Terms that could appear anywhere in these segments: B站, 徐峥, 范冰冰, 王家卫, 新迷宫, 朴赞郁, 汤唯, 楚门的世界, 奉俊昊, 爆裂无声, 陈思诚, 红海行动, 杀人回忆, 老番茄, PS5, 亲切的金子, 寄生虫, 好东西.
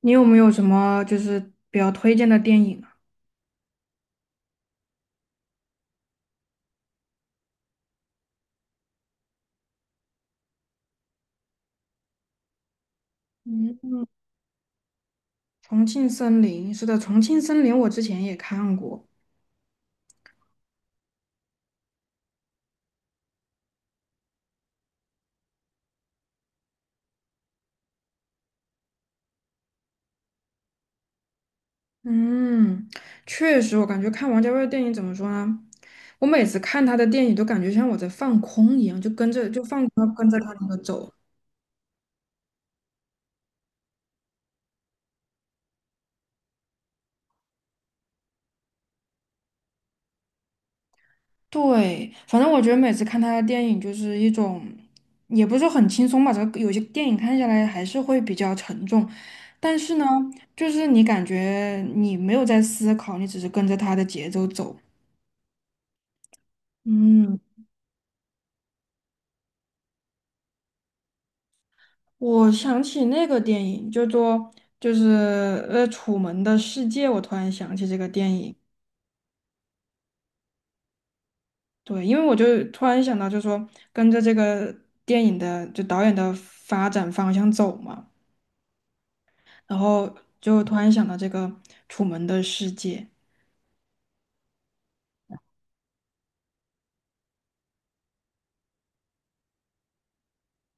你有没有什么就是比较推荐的电影啊？嗯，《重庆森林》是的，《重庆森林》我之前也看过。嗯，确实，我感觉看王家卫的电影怎么说呢？我每次看他的电影都感觉像我在放空一样，就跟着就放空跟着他那个走。对，反正我觉得每次看他的电影就是一种，也不是说很轻松吧，这个有些电影看下来还是会比较沉重，但是呢，就是你感觉你没有在思考，你只是跟着他的节奏走。嗯，我想起那个电影，就做就是《楚门的世界》，我突然想起这个电影。对，因为我就突然想到，就是说跟着这个电影的就导演的发展方向走嘛。然后就突然想到这个《楚门的世界》。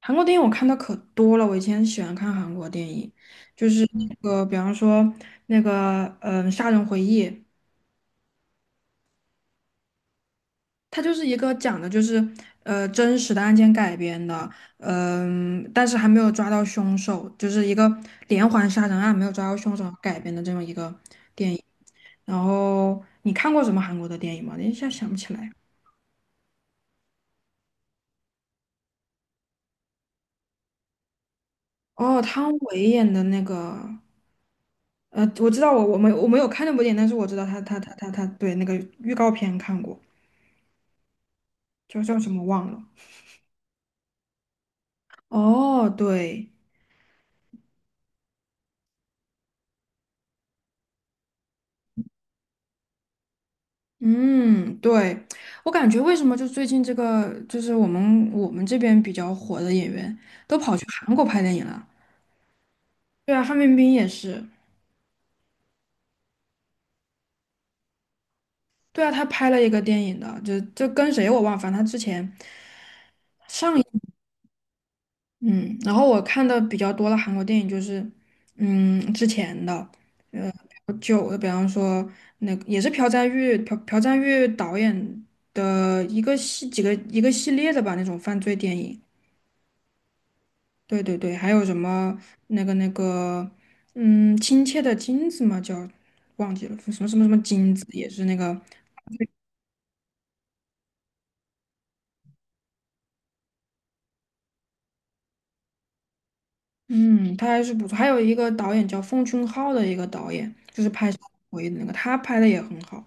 韩国电影我看的可多了。我以前喜欢看韩国电影，就是那个，比方说那个，嗯、杀人回忆》，它就是一个讲的就是真实的案件改编的，嗯、但是还没有抓到凶手，就是一个连环杀人案没有抓到凶手改编的这么一个。然后你看过什么韩国的电影吗？我一下想不起来。哦，汤唯演的那个。我知道我没我没有看那部电影，但是我知道他对那个预告片看过，叫叫什么忘了。哦，对。嗯，对，我感觉为什么就最近这个就是我们这边比较火的演员都跑去韩国拍电影了。对啊，范冰冰也是。对啊，她拍了一个电影的，就跟谁我忘了，反正她之前上一嗯，然后我看的比较多的韩国电影就是嗯之前的。久的，比方说那个也是朴赞郁朴赞郁导演的一个系几个一个系列的吧，那种犯罪电影。对，还有什么那个嗯，亲切的金子嘛，叫忘记了什么什么什么金子，也是那个嗯，他还是不错。还有一个导演叫奉俊昊的一个导演，就是拍杀人回忆的那个，他拍的也很好。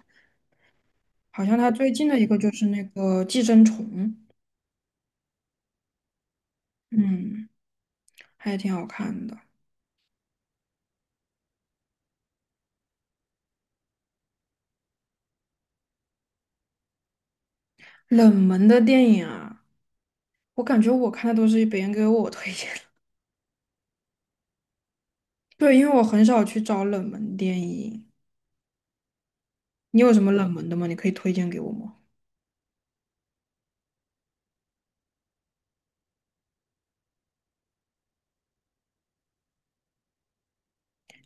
好像他最近的一个就是那个《寄生虫》，嗯，还挺好看的。冷门的电影啊。我感觉我看的都是别人给我推荐的。对，因为我很少去找冷门电影。你有什么冷门的吗？你可以推荐给我吗？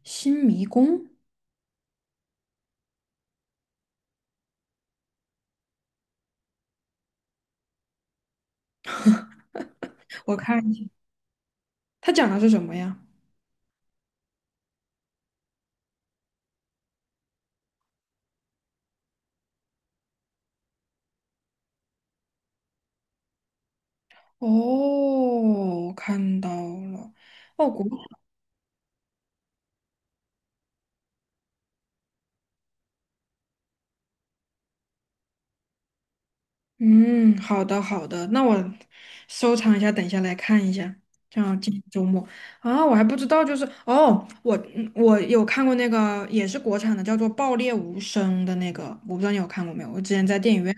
《新迷宫》，我看一下，它讲的是什么呀？哦，我看到了，哦，国。嗯，好的，那我收藏一下，等一下来看一下，这样今天周末啊，我还不知道，就是哦，我嗯我有看过那个也是国产的，叫做《爆裂无声》的那个，我不知道你有看过没有？我之前在电影院。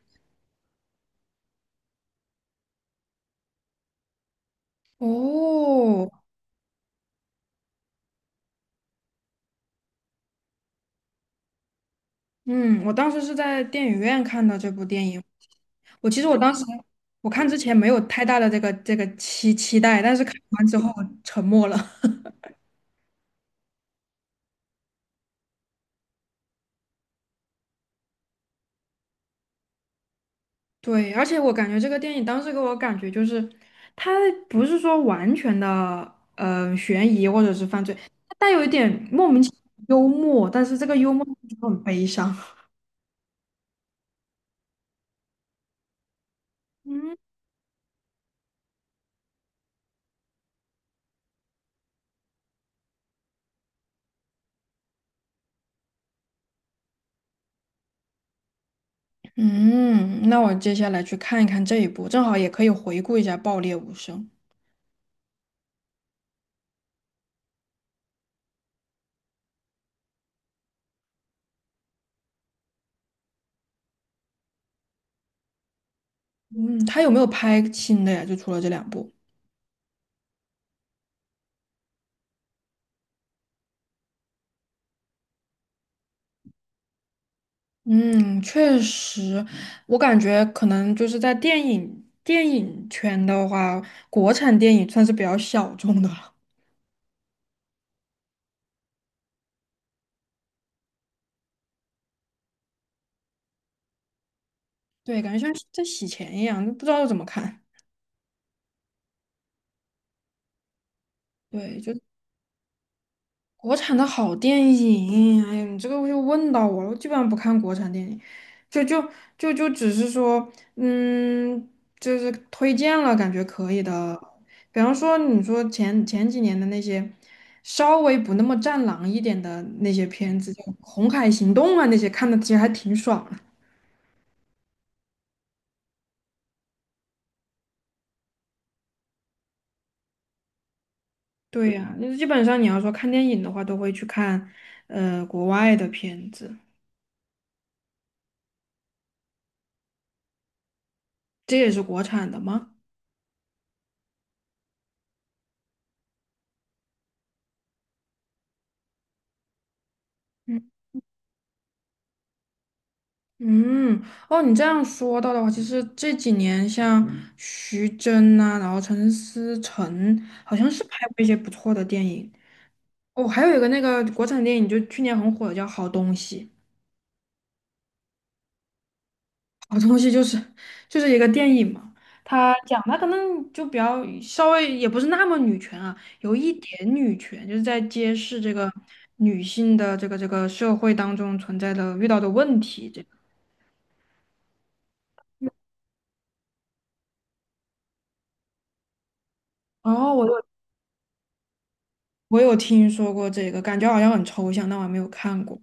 哦，嗯，我当时是在电影院看的这部电影。我其实我当时我看之前没有太大的这个期待，但是看完之后我沉默了。对，而且我感觉这个电影当时给我感觉就是，它不是说完全的悬疑或者是犯罪，它带有一点莫名其妙的幽默，但是这个幽默就很悲伤。嗯嗯，那我接下来去看一看这一部，正好也可以回顾一下《爆裂无声》。嗯，他有没有拍新的呀？就除了这两部。嗯，确实，我感觉可能就是在电影圈的话，国产电影算是比较小众的了。对，感觉像在洗钱一样，不知道怎么看。对，就。国产的好电影，哎呀，你这个又问到我了，我基本上不看国产电影，就就就只是说，嗯，就是推荐了感觉可以的，比方说你说前几年的那些稍微不那么战狼一点的那些片子，像《红海行动》啊那些，看的其实还挺爽的。对呀，那基本上你要说看电影的话，都会去看国外的片子。这也是国产的吗？嗯，哦，你这样说到的话，其实这几年像嗯徐峥呐、然后陈思诚，好像是拍过一些不错的电影。哦，还有一个那个国产电影，就去年很火的叫《好东西》。好东西就是就是一个电影嘛，它讲它可能就比较稍微也不是那么女权啊，有一点女权，就是在揭示这个女性的这个社会当中存在的遇到的问题这个哦，我我有听说过这个，感觉好像很抽象，但我还没有看过。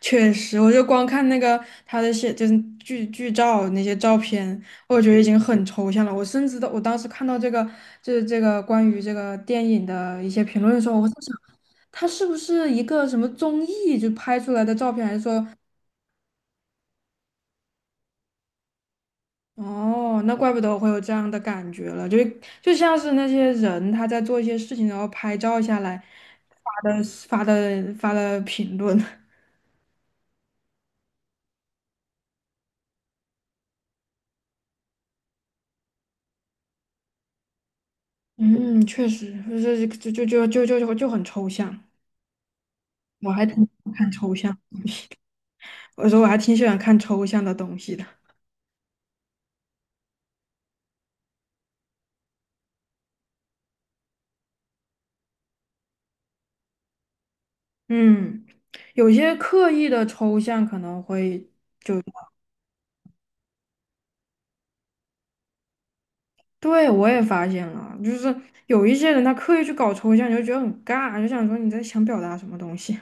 确实，我就光看那个他的写，就是剧照那些照片，我觉得已经很抽象了。我甚至都，我当时看到这个，就是这个关于这个电影的一些评论的时候，我在想，他是不是一个什么综艺就拍出来的照片，还是说，哦，那怪不得我会有这样的感觉了，就就像是那些人他在做一些事情，然后拍照下来发的评论。嗯，确实，就是就很抽象。我还挺喜欢看抽象，我说我还挺喜欢看抽象的东西的。嗯，有些刻意的抽象可能会，对，我也发现了，就是有一些人他刻意去搞抽象，你就觉得很尬，就想说你在想表达什么东西。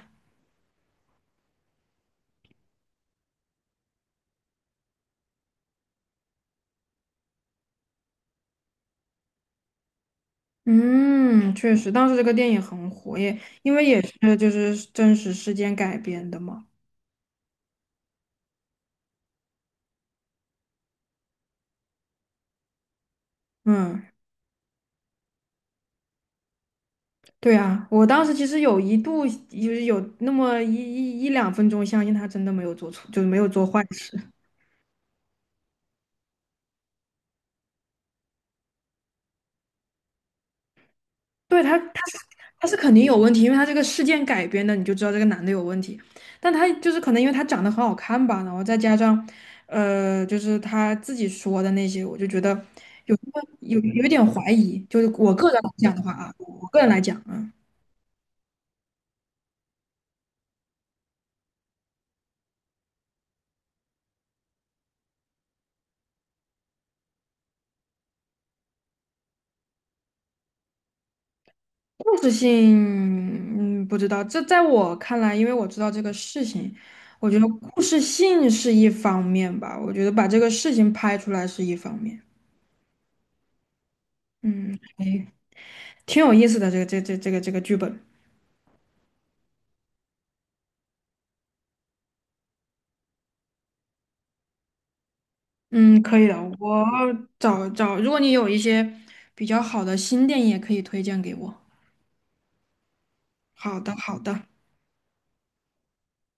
嗯，确实，当时这个电影很火，也因为也是就是真实事件改编的嘛。嗯。对啊，我当时其实有一度就是有那么一一两分钟，相信他真的没有做错，就是没有做坏事。对他，他是他是肯定有问题，因为他这个事件改编的，你就知道这个男的有问题。但他就是可能因为他长得很好看吧，然后再加上，就是他自己说的那些，我就觉得有那么有一点怀疑。就是我个人来讲的话啊，我个人来讲啊。故事性，嗯，不知道。这在我看来，因为我知道这个事情，我觉得故事性是一方面吧。我觉得把这个事情拍出来是一方面，嗯，哎，挺有意思的。这个剧本，嗯，可以的。我找找，如果你有一些比较好的新电影，也可以推荐给我。好的，好的。